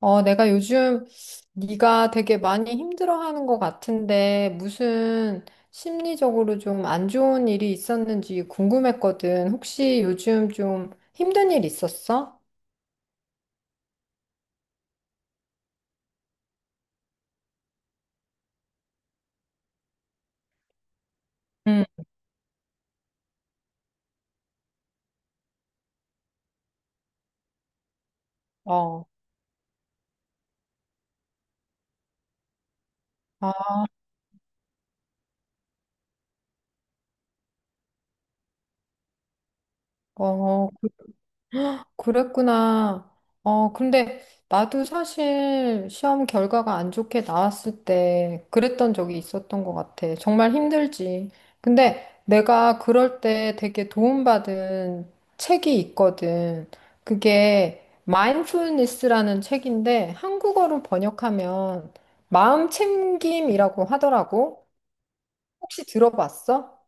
내가 요즘 네가 되게 많이 힘들어하는 것 같은데 무슨 심리적으로 좀 안 좋은 일이 있었는지 궁금했거든. 혹시 요즘 좀 힘든 일 있었어? 응. 어. 아, 어, 그랬구나. 근데 나도 사실 시험 결과가 안 좋게 나왔을 때 그랬던 적이 있었던 것 같아. 정말 힘들지. 근데 내가 그럴 때 되게 도움받은 책이 있거든. 그게 Mindfulness라는 책인데 한국어로 번역하면 마음챙김이라고 하더라고. 혹시 들어봤어?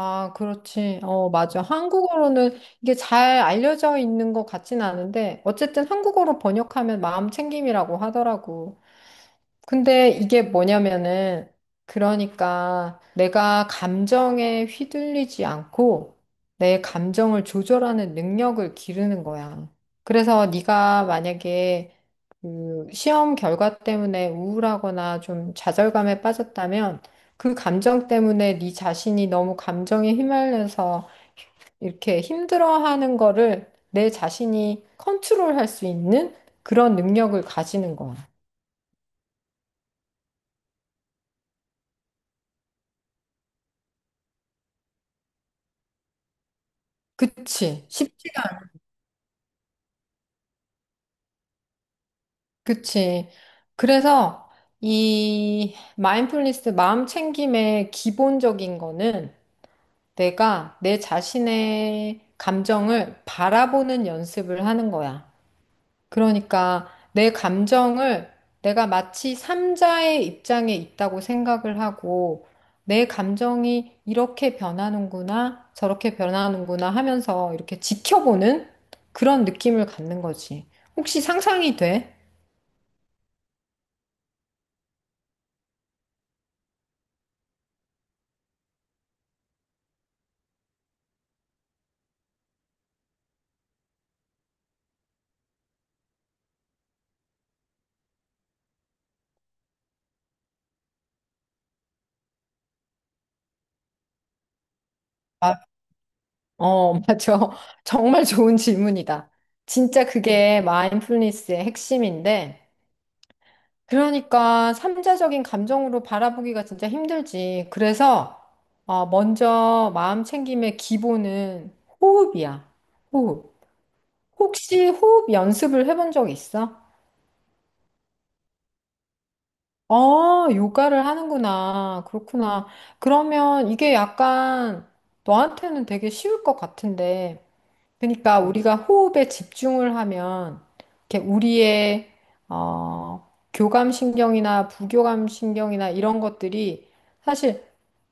아, 그렇지. 어, 맞아. 한국어로는 이게 잘 알려져 있는 것 같진 않은데, 어쨌든 한국어로 번역하면 마음 챙김이라고 하더라고. 근데 이게 뭐냐면은, 그러니까 내가 감정에 휘둘리지 않고 내 감정을 조절하는 능력을 기르는 거야. 그래서 네가 만약에 그 시험 결과 때문에 우울하거나 좀 좌절감에 빠졌다면 그 감정 때문에 네 자신이 너무 감정에 휘말려서 이렇게 힘들어하는 거를 내 자신이 컨트롤할 수 있는 그런 능력을 가지는 거야. 그치? 쉽지 그치. 그래서 이 마인드풀니스 마음 챙김의 기본적인 거는 내가 내 자신의 감정을 바라보는 연습을 하는 거야. 그러니까 내 감정을 내가 마치 삼자의 입장에 있다고 생각을 하고 내 감정이 이렇게 변하는구나, 저렇게 변하는구나 하면서 이렇게 지켜보는 그런 느낌을 갖는 거지. 혹시 상상이 돼? 맞아. 정말 좋은 질문이다. 진짜 그게 마인드풀니스의 핵심인데, 그러니까 삼자적인 감정으로 바라보기가 진짜 힘들지. 그래서 먼저 마음 챙김의 기본은 호흡이야. 호흡. 혹시 호흡 연습을 해본 적 있어? 어, 요가를 하는구나. 그렇구나. 그러면 이게 약간 너한테는 되게 쉬울 것 같은데, 그러니까 우리가 호흡에 집중을 하면 이렇게 우리의 어, 교감신경이나 부교감신경이나 이런 것들이 사실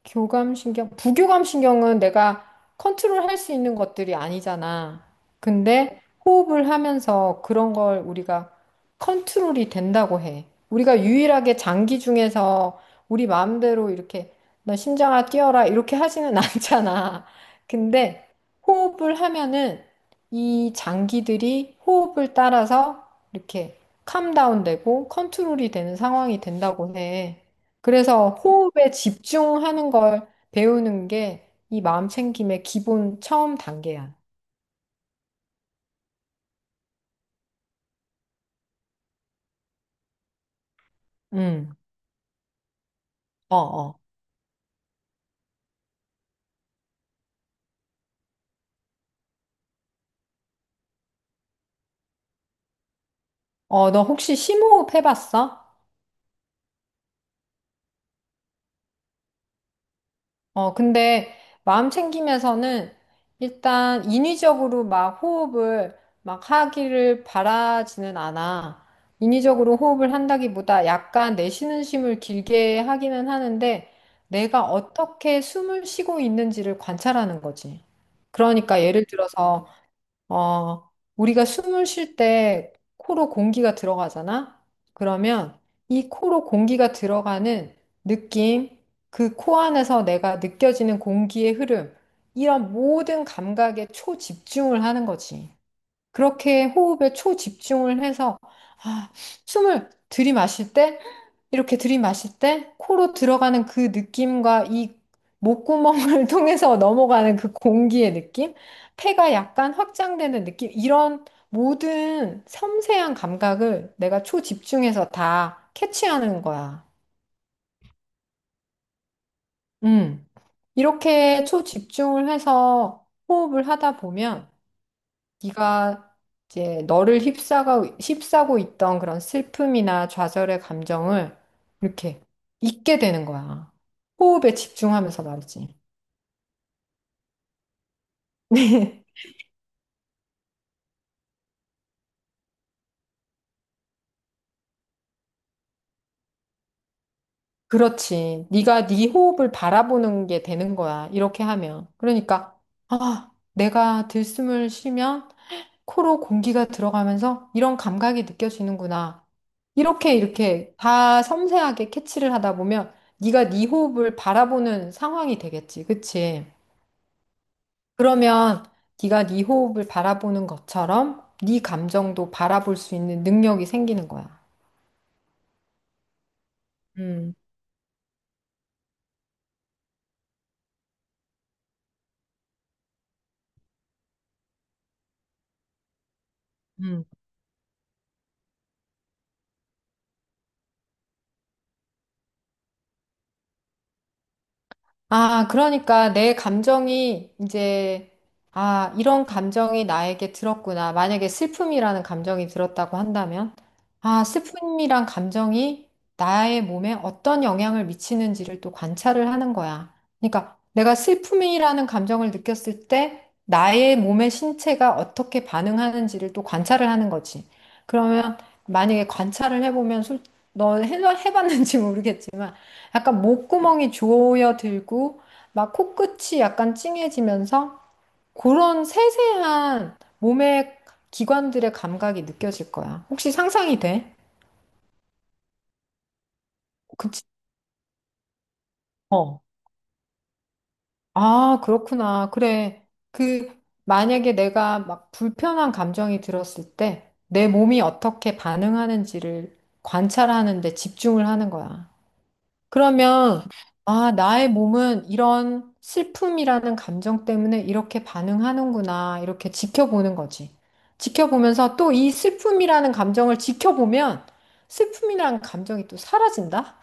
교감신경, 부교감신경은 내가 컨트롤할 수 있는 것들이 아니잖아. 근데 호흡을 하면서 그런 걸 우리가 컨트롤이 된다고 해. 우리가 유일하게 장기 중에서 우리 마음대로 이렇게 너 심장아 뛰어라 이렇게 하지는 않잖아. 근데 호흡을 하면은 이 장기들이 호흡을 따라서 이렇게 캄다운 되고 컨트롤이 되는 상황이 된다고 해. 그래서 호흡에 집중하는 걸 배우는 게 이 마음 챙김의 기본 처음 단계야. 응. 어, 어. 어, 너 혹시 심호흡 해봤어? 근데 마음 챙김에서는 일단 인위적으로 막 호흡을 막 하기를 바라지는 않아. 인위적으로 호흡을 한다기보다 약간 내쉬는 심을 길게 하기는 하는데 내가 어떻게 숨을 쉬고 있는지를 관찰하는 거지. 그러니까 예를 들어서 어, 우리가 숨을 쉴 때 코로 공기가 들어가잖아? 그러면 이 코로 공기가 들어가는 느낌, 그 코 안에서 내가 느껴지는 공기의 흐름, 이런 모든 감각에 초집중을 하는 거지. 그렇게 호흡에 초집중을 해서 아, 숨을 들이마실 때 이렇게 들이마실 때 코로 들어가는 그 느낌과 이 목구멍을 통해서 넘어가는 그 공기의 느낌, 폐가 약간 확장되는 느낌, 이런 모든 섬세한 감각을 내가 초집중해서 다 캐치하는 거야. 음. 이렇게 초집중을 해서 호흡을 하다 보면 네가 이제 너를 휩싸고 있던 그런 슬픔이나 좌절의 감정을 이렇게 잊게 되는 거야. 호흡에 집중하면서 말이지. 그렇지. 네가 네 호흡을 바라보는 게 되는 거야. 이렇게 하면. 그러니까 아, 내가 들숨을 쉬면 코로 공기가 들어가면서 이런 감각이 느껴지는구나. 이렇게 다 섬세하게 캐치를 하다 보면 네가 네 호흡을 바라보는 상황이 되겠지. 그치? 그러면 네가 네 호흡을 바라보는 것처럼 네 감정도 바라볼 수 있는 능력이 생기는 거야. 음, 음. 아, 그러니까 내 감정이 이제, 아, 이런 감정이 나에게 들었구나. 만약에 슬픔이라는 감정이 들었다고 한다면, 아, 슬픔이란 감정이 나의 몸에 어떤 영향을 미치는지를 또 관찰을 하는 거야. 그러니까 내가 슬픔이라는 감정을 느꼈을 때 나의 몸의 신체가 어떻게 반응하는지를 또 관찰을 하는 거지. 그러면 만약에 관찰을 해보면 너 해봤는지 모르겠지만, 약간 목구멍이 조여들고 막 코끝이 약간 찡해지면서 그런 세세한 몸의 기관들의 감각이 느껴질 거야. 혹시 상상이 돼? 그치? 어. 아, 그렇구나. 그래. 그 만약에 내가 막 불편한 감정이 들었을 때 내 몸이 어떻게 반응하는지를 관찰하는데 집중을 하는 거야. 그러면, 아, 나의 몸은 이런 슬픔이라는 감정 때문에 이렇게 반응하는구나, 이렇게 지켜보는 거지. 지켜보면서 또 이 슬픔이라는 감정을 지켜보면 슬픔이라는 감정이 또 사라진다?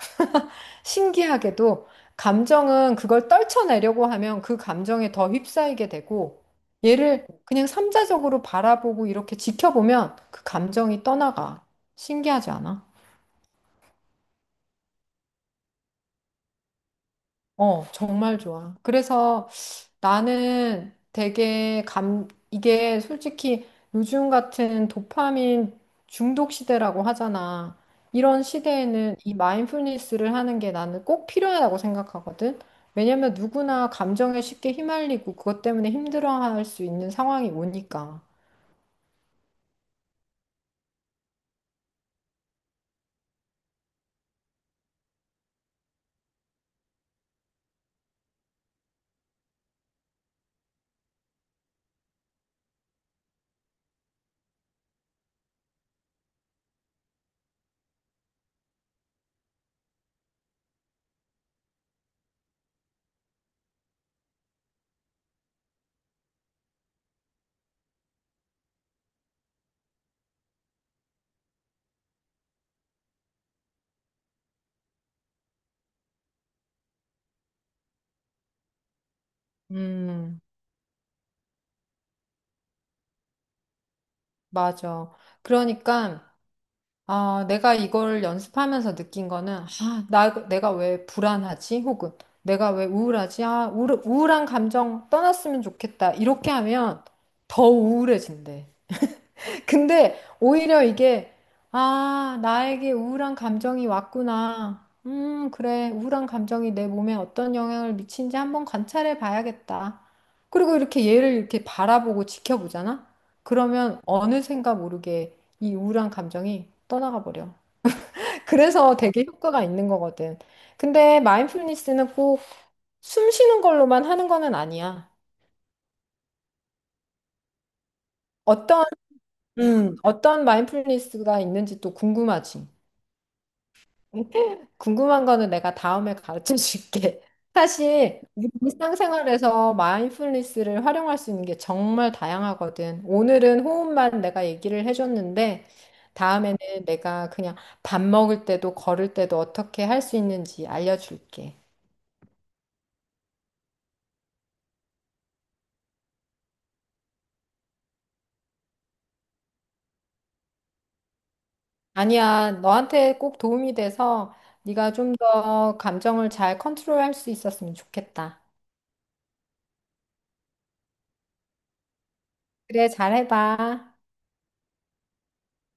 신기하게도 감정은 그걸 떨쳐내려고 하면 그 감정에 더 휩싸이게 되고 얘를 그냥 삼자적으로 바라보고 이렇게 지켜보면 그 감정이 떠나가. 신기하지 않아? 어, 정말 좋아. 그래서 나는 이게 솔직히 요즘 같은 도파민 중독 시대라고 하잖아. 이런 시대에는 이 마인드풀니스를 하는 게 나는 꼭 필요하다고 생각하거든. 왜냐면 누구나 감정에 쉽게 휘말리고 그것 때문에 힘들어할 수 있는 상황이 오니까. 음, 맞아. 그러니까 아, 내가 이걸 연습하면서 느낀 거는, 내가 왜 불안하지? 혹은 내가 왜 우울하지? 우울한 감정 떠났으면 좋겠다. 이렇게 하면 더 우울해진대. 근데 오히려 이게, 아, 나에게 우울한 감정이 왔구나. 그래. 우울한 감정이 내 몸에 어떤 영향을 미친지 한번 관찰해 봐야겠다. 그리고 이렇게 얘를 이렇게 바라보고 지켜보잖아? 그러면 어느샌가 모르게 이 우울한 감정이 떠나가 버려. 그래서 되게 효과가 있는 거거든. 근데 마인드풀니스는 꼭 숨 쉬는 걸로만 하는 거는 아니야. 어떤, 어떤 마인드풀니스가 있는지 또 궁금하지. 궁금한 거는 내가 다음에 가르쳐 줄게. 사실 우리 일상생활에서 마인드풀니스를 활용할 수 있는 게 정말 다양하거든. 오늘은 호흡만 내가 얘기를 해줬는데 다음에는 내가 그냥 밥 먹을 때도 걸을 때도 어떻게 할 수 있는지 알려줄게. 아니야, 너한테 꼭 도움이 돼서 네가 좀 더 감정을 잘 컨트롤할 수 있었으면 좋겠다. 그래, 잘해봐.